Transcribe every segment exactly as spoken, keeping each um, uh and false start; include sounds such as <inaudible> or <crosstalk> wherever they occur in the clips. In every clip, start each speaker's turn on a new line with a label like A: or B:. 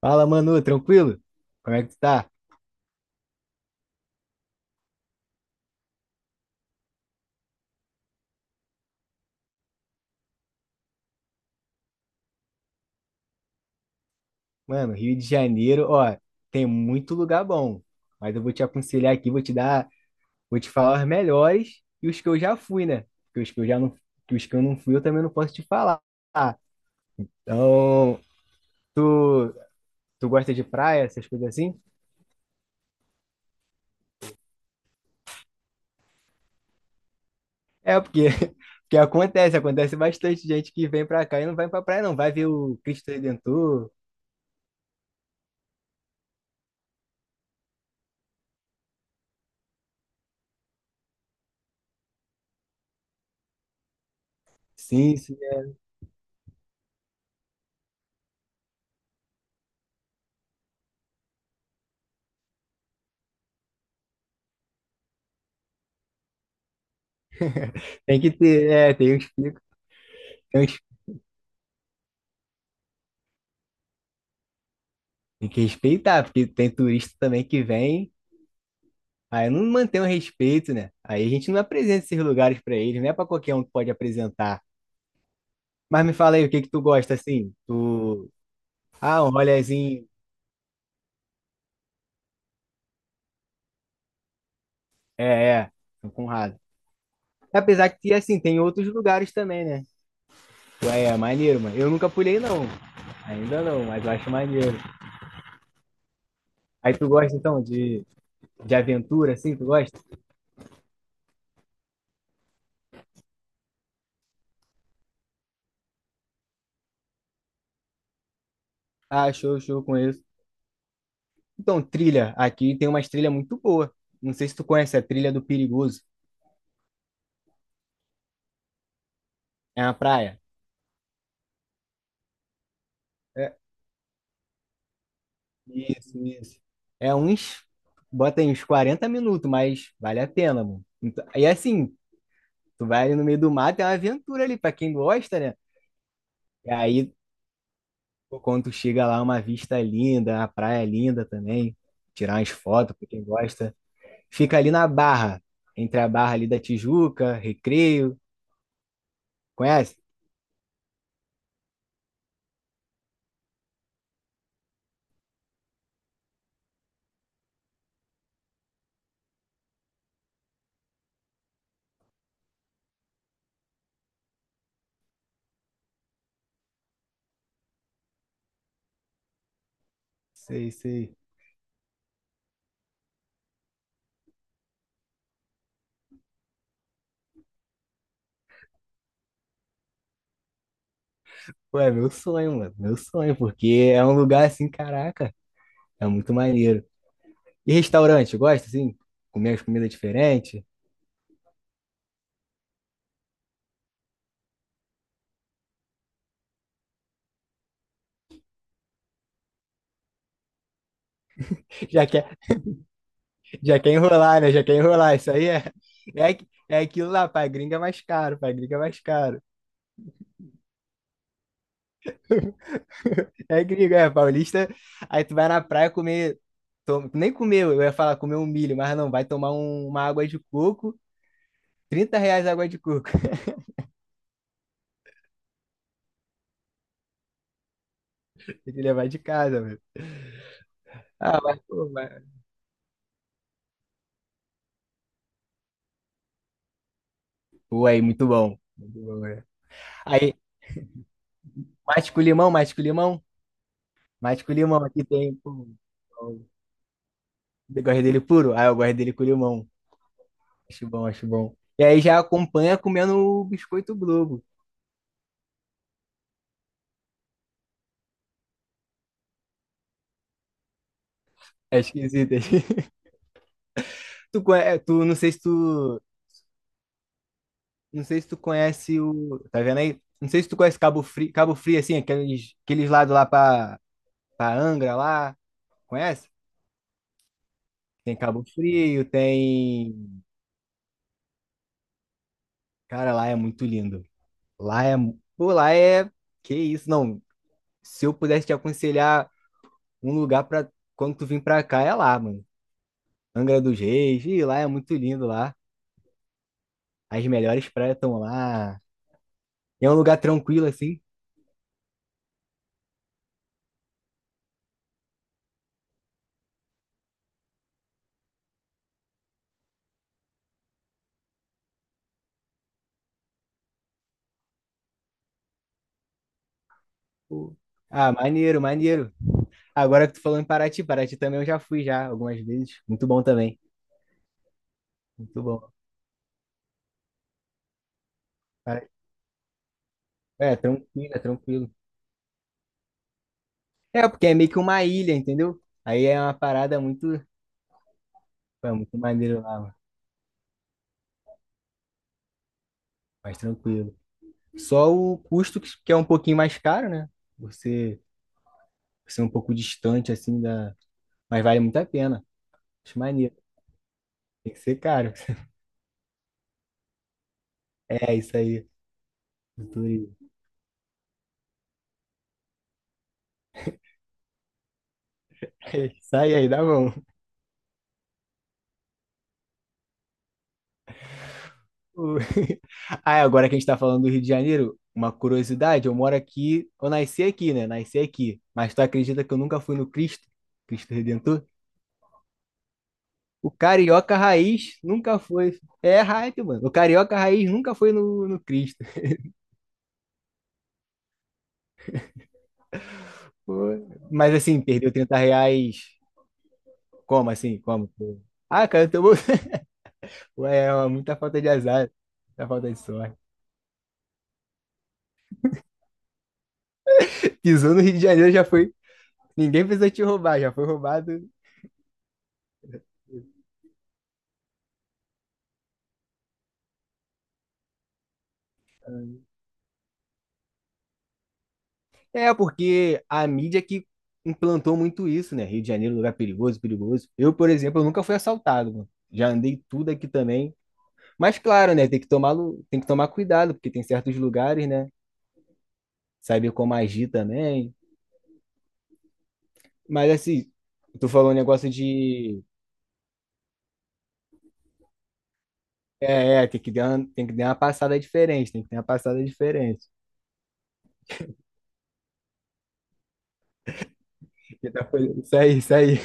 A: Fala, Manu, tranquilo? Como é que tu tá? Mano, Rio de Janeiro, ó, tem muito lugar bom, mas eu vou te aconselhar aqui, vou te dar, vou te falar os melhores e os que eu já fui, né? Porque os que eu já não, que os que eu não fui, eu também não posso te falar. Então, tu, tu gosta de praia, essas coisas assim? É, porque, <laughs> porque acontece, acontece bastante gente que vem pra cá e não vai pra praia, não. Vai ver o Cristo Redentor, sim, sim. <laughs> Tem que ter, é, tem uns picos. Tem que respeitar, porque tem turista também que vem, aí não mantém o respeito, né? Aí a gente não apresenta esses lugares pra eles, não é pra qualquer um que pode apresentar. Mas me fala aí, o que que tu gosta, assim? Tu... Ah, um rolezinho. É, é, São Conrado. Apesar que, assim, tem outros lugares também, né? Ué, é maneiro, mano. Eu nunca pulei, não. Ainda não, mas eu acho maneiro. Aí tu gosta, então, de, de aventura, assim? Tu gosta? Ah, show, show, conheço. Então, trilha. Aqui tem umas trilhas muito boas. Não sei se tu conhece a trilha do Perigoso. É uma praia. É, isso, isso. É uns, bota aí uns quarenta minutos, mas vale a pena, mano. Então, e assim, tu vai ali no meio do mato, é uma aventura ali, pra quem gosta, né? E aí, pô, quando tu chega lá, uma vista linda, a praia é linda também, tirar umas fotos pra quem gosta. Fica ali na Barra, entre a Barra ali da Tijuca, Recreio, conhece? Sei, sei. Pô, é meu sonho, mano, meu sonho, porque é um lugar assim, caraca, é muito maneiro. E restaurante, gosta assim? Comer as comidas diferentes? Já quer, já quer enrolar, né? Já quer enrolar. Isso aí é, é, aqu- é aquilo lá, pra gringa é mais caro, pra gringa é mais caro. <laughs> É gringa, é paulista. Aí tu vai na praia comer, to- nem comer, eu ia falar comer um milho, mas não, vai tomar um- uma água de coco, trinta reais a água de coco. <laughs> Tem que levar de casa, velho. Ah, mas pô, mas... pô, aí, muito bom. Muito bom, né? Aí, mate com limão, mate com limão, mate com limão, aqui tem, pô. Eu gosto dele puro. Ah, eu gosto dele com limão. Acho bom, acho bom. E aí já acompanha comendo o biscoito Globo. É esquisito. <laughs> é Tu, conhe- é, tu, não sei se tu, não sei se tu conhece o, tá vendo aí? Não sei se tu conhece Cabo Frio, Cabo Frio assim, aqueles, aqueles lados lá pra, pra Angra lá, conhece? Tem Cabo Frio, tem, cara, lá é muito lindo. Lá é, mu- pô, lá é, que isso, não. Se eu pudesse te aconselhar um lugar pra quando tu vir pra cá é lá, mano. Angra dos Reis, e lá é muito lindo lá. As melhores praias estão lá. E é um lugar tranquilo assim. Pô. Ah, maneiro, maneiro. Agora que tu falou em Paraty, Paraty também eu já fui já algumas vezes. Muito bom também. Muito bom. Paraty- É, tranquilo, é tranquilo. É, porque é meio que uma ilha, entendeu? Aí é uma parada muito, pô, é muito maneiro lá, mano. Mais tranquilo. Só o custo que que é um pouquinho mais caro, né? Você ser um pouco distante assim da, mas vale muito a pena. Acho maneiro. Tem que ser caro. <laughs> É isso aí. Dois. <laughs> Sai aí, dá bom. O- <laughs> Ah, é, agora que a gente tá falando do Rio de Janeiro, uma curiosidade, eu moro aqui, eu nasci aqui, né? Nasci aqui. Mas tu acredita que eu nunca fui no Cristo? Cristo Redentor? O carioca raiz nunca foi. É é hype, mano. O carioca raiz nunca foi no, no Cristo. Pô. Mas assim, perdeu trinta reais. Como assim? Como? Pô? Ah, cara, eu tô... <laughs> Ué, é uma muita falta de azar. Muita falta de sorte. Pisou no Rio de Janeiro, já foi. Ninguém precisou te roubar, já foi roubado. É, porque a mídia que implantou muito isso, né? Rio de Janeiro, lugar perigoso, perigoso. Eu, por exemplo, eu nunca fui assaltado, mano. Já andei tudo aqui também. Mas claro, né? Tem que tomar, lu- tem que tomar cuidado, porque tem certos lugares, né? Saber como agir também. Mas assim, tu falou um negócio de. É, é, tem que dar, uma- tem que dar uma passada diferente, tem que ter uma passada diferente. Porque tá foi- Isso aí, isso aí.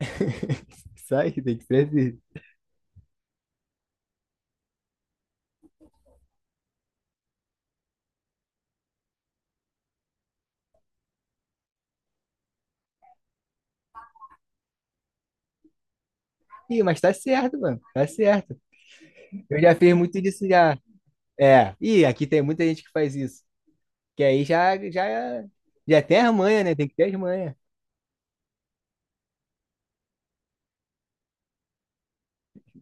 A: <laughs> Isso aí, tem que ser assim. Ih, mas tá certo, mano. Tá certo. Eu já fiz muito disso já. É, e aqui tem muita gente que faz isso. Que aí já, já, é, já tem as manhas, né? Tem que ter as manhas.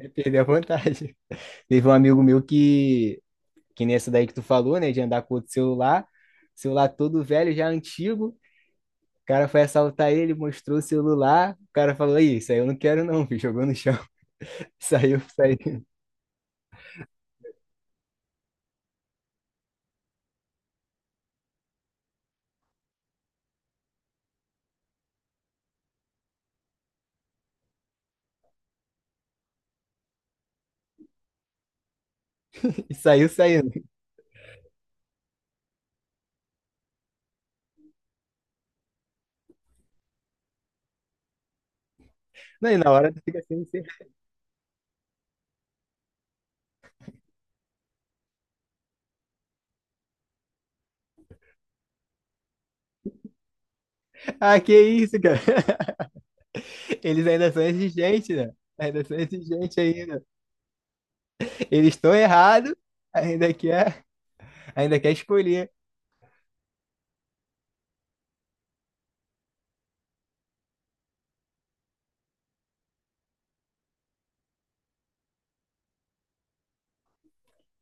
A: É perder a vontade. <laughs> Teve um amigo meu que, que nessa daí que tu falou, né? De andar com outro celular. Celular todo velho, já antigo. O cara foi assaltar ele, mostrou o celular. O cara falou, aí, isso aí eu não quero não, <laughs> filho. Jogou no chão. <laughs> Saiu, saiu. <laughs> E saiu, saindo. Não, e na hora tu fica assim, assim, ah, que isso, cara. <laughs> Eles ainda são exigentes, né? Ainda são exigentes ainda. Eles estão errados, ainda quer, ainda quer escolher.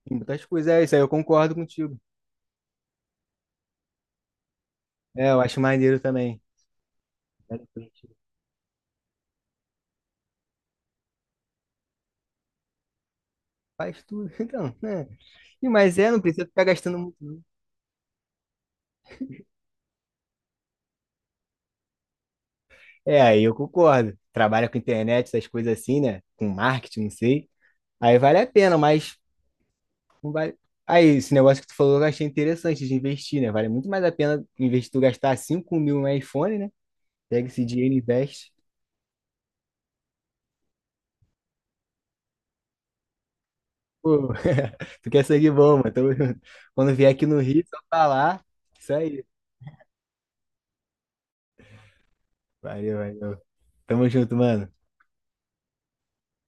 A: Tem muitas coisas, é isso aí, eu concordo contigo. É, eu acho maneiro também. Faz tudo, <laughs> então, né? E, Mas é, não precisa ficar gastando muito. É, aí eu concordo. Trabalha com internet, essas coisas assim, né? Com marketing, não sei. Aí vale a pena, mas não vale. Aí, esse negócio que tu falou, eu achei interessante de investir, né? Vale muito mais a pena investir tu gastar cinco mil no iPhone, né? Pega esse dinheiro e investe. Pô, <laughs> tu quer seguir bom, mano. Tamo junto. Quando vier aqui no Rio, só falar. Isso aí. Valeu, valeu. Tamo junto, mano.